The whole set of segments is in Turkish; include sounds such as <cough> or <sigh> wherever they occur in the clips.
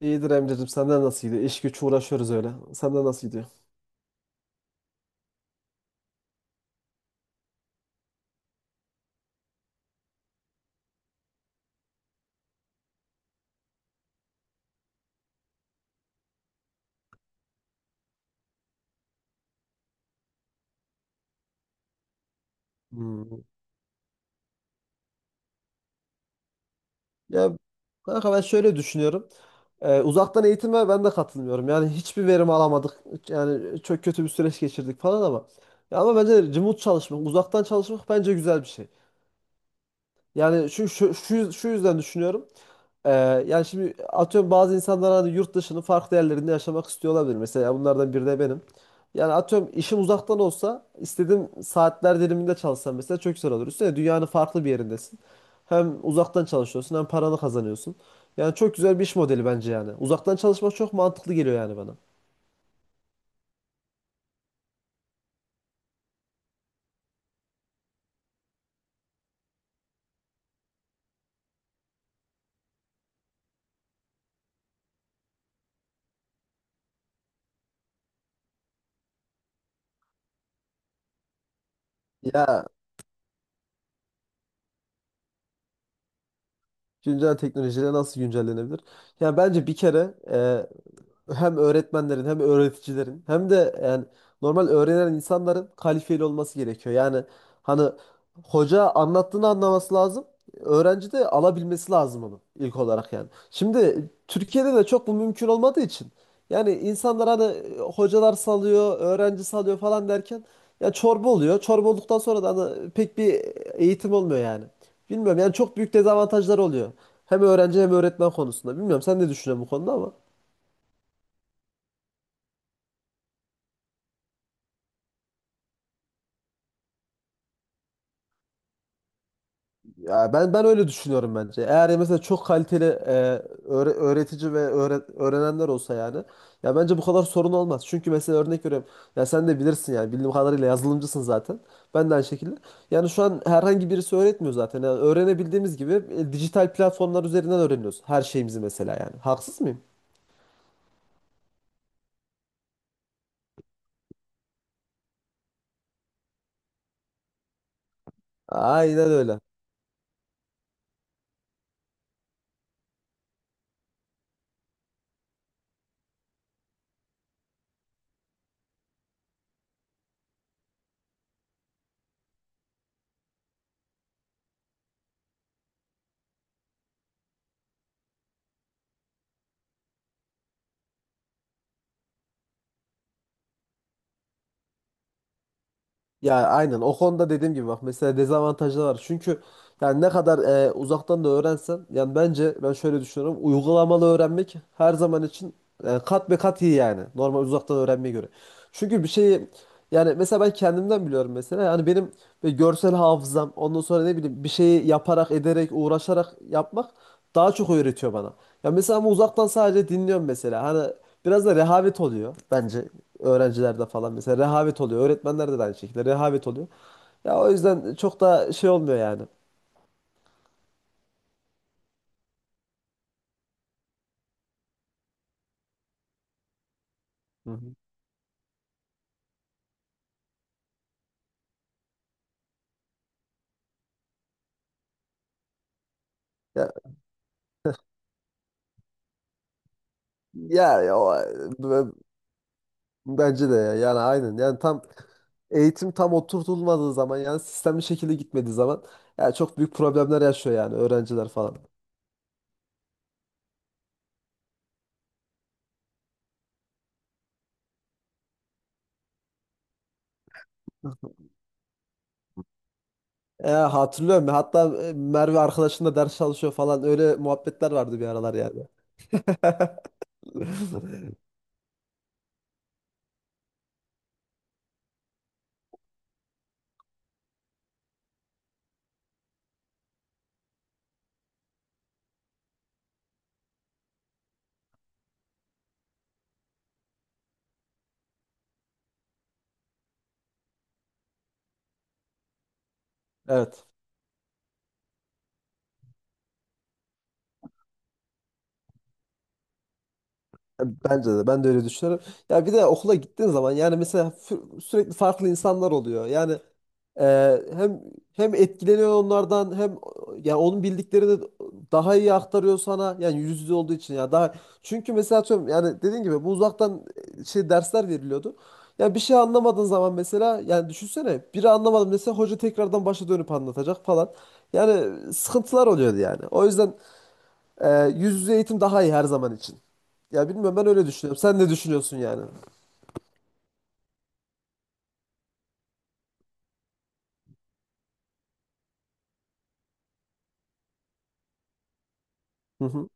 İyidir Emre'cim senden nasıl gidiyor? İş güç uğraşıyoruz öyle. Senden nasıl gidiyor? Hmm. Ya kanka ben şöyle düşünüyorum. Uzaktan eğitime ben de katılmıyorum. Yani hiçbir verim alamadık. Yani çok kötü bir süreç geçirdik falan ama. Ya ama bence remote çalışmak, uzaktan çalışmak bence güzel bir şey. Yani şu yüzden düşünüyorum. Ee, Yani şimdi atıyorum bazı insanlar hani yurt dışının farklı yerlerinde yaşamak istiyor olabilir. Mesela bunlardan biri de benim. Yani atıyorum işim uzaktan olsa istediğim saatler diliminde çalışsam mesela çok güzel olur. Üstüne dünyanın farklı bir yerindesin. Hem uzaktan çalışıyorsun hem paranı kazanıyorsun. Yani çok güzel bir iş modeli bence yani. Uzaktan çalışmak çok mantıklı geliyor yani bana. Ya güncel teknolojiyle nasıl güncellenebilir? Yani bence bir kere hem öğretmenlerin hem öğreticilerin hem de yani normal öğrenen insanların kalifeli olması gerekiyor. Yani hani hoca anlattığını anlaması lazım. Öğrenci de alabilmesi lazım onu ilk olarak yani. Şimdi Türkiye'de de çok bu mümkün olmadığı için yani insanlar hani hocalar salıyor, öğrenci salıyor falan derken ya çorba oluyor. Çorba olduktan sonra da hani pek bir eğitim olmuyor yani. Bilmiyorum yani çok büyük dezavantajlar oluyor. Hem öğrenci hem öğretmen konusunda. Bilmiyorum sen ne düşünüyorsun bu konuda ama. Ya ben öyle düşünüyorum bence. Eğer mesela çok kaliteli öğretici ve öğrenenler olsa yani ya bence bu kadar sorun olmaz. Çünkü mesela örnek veriyorum. Ya sen de bilirsin yani bildiğim kadarıyla yazılımcısın zaten. Ben de aynı şekilde. Yani şu an herhangi birisi öğretmiyor zaten. Yani öğrenebildiğimiz gibi dijital platformlar üzerinden öğreniyoruz her şeyimizi mesela yani. Haksız mıyım? Aynen öyle. Ya aynen o konuda dediğim gibi bak mesela dezavantajları var. Çünkü yani ne kadar uzaktan da öğrensen yani bence ben şöyle düşünüyorum. Uygulamalı öğrenmek her zaman için kat be kat iyi yani normal uzaktan öğrenmeye göre. Çünkü bir şeyi yani mesela ben kendimden biliyorum mesela yani benim böyle görsel hafızam ondan sonra ne bileyim bir şeyi yaparak ederek uğraşarak yapmak daha çok öğretiyor bana. Ya mesela ama uzaktan sadece dinliyorum mesela. Hani biraz da rehavet oluyor bence öğrencilerde falan mesela rehavet oluyor. Öğretmenlerde de aynı şekilde rehavet oluyor. Ya o yüzden çok da şey olmuyor yani. Hı hı. Ya, ya, ya o- b- Bence de ya. Yani aynen. Yani tam eğitim tam oturtulmadığı zaman yani sistemli şekilde gitmediği zaman ya çok büyük problemler yaşıyor yani öğrenciler falan. Ya hatırlıyorum ya hatta Merve arkadaşınla ders çalışıyor falan öyle muhabbetler vardı bir aralar yani. <laughs> Evet. Bence de ben de öyle düşünüyorum. Ya bir de okula gittiğin zaman yani mesela sürekli farklı insanlar oluyor. Yani e, hem hem etkileniyor onlardan hem yani onun bildiklerini daha iyi aktarıyor sana. Yani yüz yüze olduğu için ya daha çünkü mesela atıyorum yani dediğin gibi bu uzaktan şey dersler veriliyordu. Ya bir şey anlamadığın zaman mesela yani düşünsene biri anlamadım dese hoca tekrardan başa dönüp anlatacak falan. Yani sıkıntılar oluyordu yani. O yüzden yüz yüze eğitim daha iyi her zaman için. Ya bilmiyorum ben öyle düşünüyorum. Sen ne düşünüyorsun yani? Hı hı.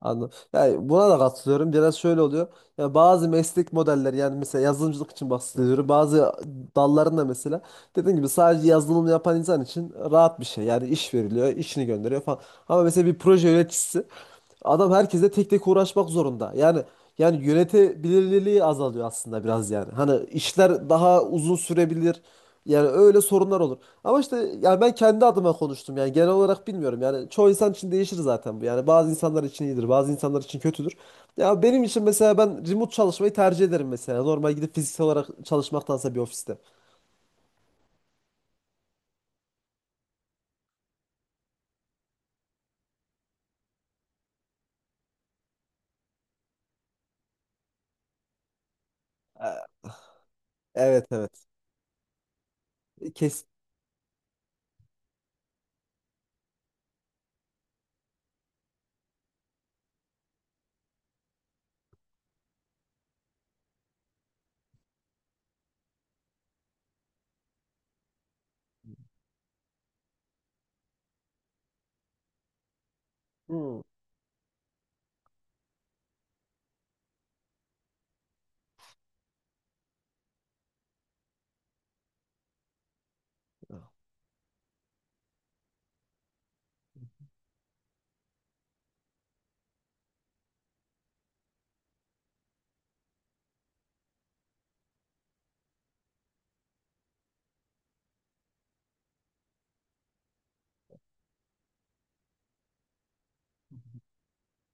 Anladım. Yani buna da katılıyorum. Biraz şöyle oluyor. Yani bazı meslek modelleri yani mesela yazılımcılık için bahsediyorum. Bazı dallarında mesela dediğim gibi sadece yazılım yapan insan için rahat bir şey. Yani iş veriliyor, işini gönderiyor falan. Ama mesela bir proje yöneticisi adam herkese tek tek uğraşmak zorunda. Yani yani yönetebilirliği azalıyor aslında biraz yani. Hani işler daha uzun sürebilir. Yani öyle sorunlar olur. Ama işte yani ben kendi adıma konuştum. Yani genel olarak bilmiyorum. Yani çoğu insan için değişir zaten bu. Yani bazı insanlar için iyidir, bazı insanlar için kötüdür. Ya benim için mesela ben remote çalışmayı tercih ederim mesela. Normal gidip fiziksel olarak çalışmaktansa bir ofiste. Ee, Evet evet. Kes. Hmm.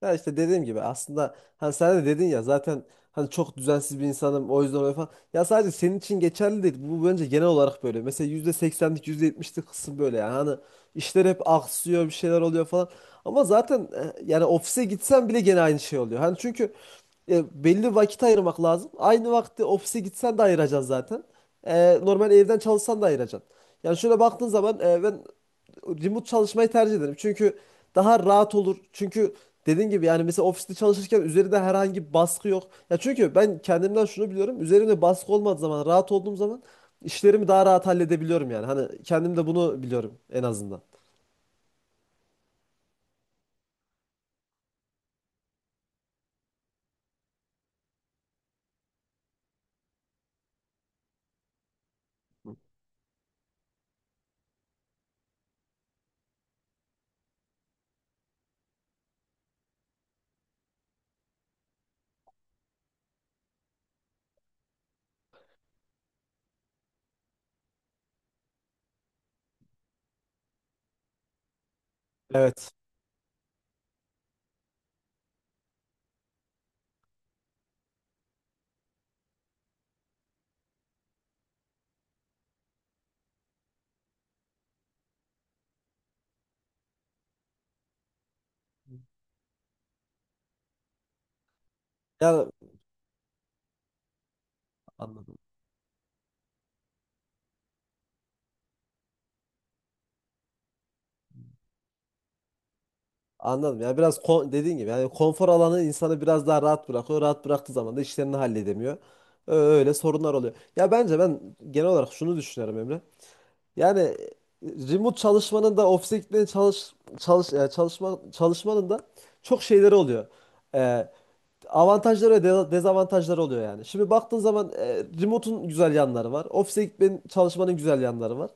Ya işte dediğim gibi aslında hani sen de dedin ya zaten hani çok düzensiz bir insanım o yüzden öyle falan. Ya sadece senin için geçerli değil. Bu bence genel olarak böyle. Mesela %80'lik %70'lik kısım böyle yani. Hani işler hep aksıyor bir şeyler oluyor falan. Ama zaten yani ofise gitsen bile gene aynı şey oluyor. Hani çünkü belli vakit ayırmak lazım. Aynı vakti ofise gitsen de ayıracaksın zaten. Normal evden çalışsan da ayıracaksın. Yani şöyle baktığın zaman ben remote çalışmayı tercih ederim. Çünkü daha rahat olur. Çünkü dediğin gibi yani mesela ofiste çalışırken üzerinde herhangi bir baskı yok. Ya çünkü ben kendimden şunu biliyorum. Üzerimde baskı olmadığı zaman, rahat olduğum zaman işlerimi daha rahat halledebiliyorum yani. Hani kendim de bunu biliyorum en azından. Evet. Yani anladım. Anladım. Yani biraz dediğin gibi yani konfor alanı insanı biraz daha rahat bırakıyor. Rahat bıraktığı zaman da işlerini halledemiyor. Öyle sorunlar oluyor. Ya bence ben genel olarak şunu düşünüyorum Emre. Yani remote çalışmanın da ofise gitmenin çalışmanın da çok şeyleri oluyor. E, Avantajları ve dezavantajları oluyor yani. Şimdi baktığın zaman remote'un güzel yanları var. Ofise gitmenin, çalışmanın güzel yanları var.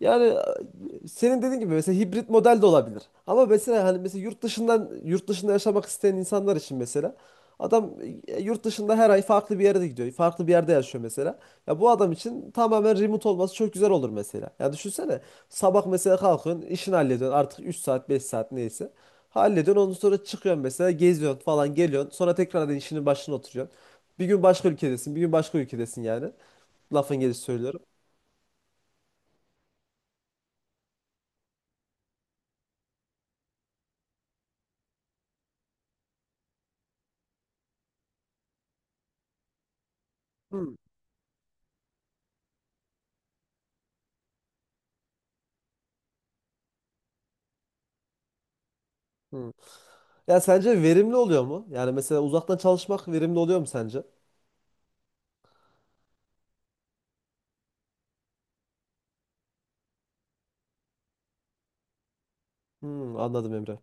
Yani senin dediğin gibi mesela hibrit model de olabilir. Ama mesela hani mesela yurt dışından yurt dışında yaşamak isteyen insanlar için mesela adam yurt dışında her ay farklı bir yere de gidiyor. Farklı bir yerde yaşıyor mesela. Ya bu adam için tamamen remote olması çok güzel olur mesela. Ya düşünsene sabah mesela kalkıyorsun, işini hallediyorsun artık 3 saat 5 saat neyse. Hallediyorsun ondan sonra çıkıyorsun mesela geziyorsun falan geliyorsun. Sonra tekrardan işinin başına oturuyorsun. Bir gün başka ülkedesin, bir gün başka ülkedesin yani. Lafın gelişi söylüyorum. Hmm. Hmm. Ya sence verimli oluyor mu? Yani mesela uzaktan çalışmak verimli oluyor mu sence? Hmm, anladım Emre.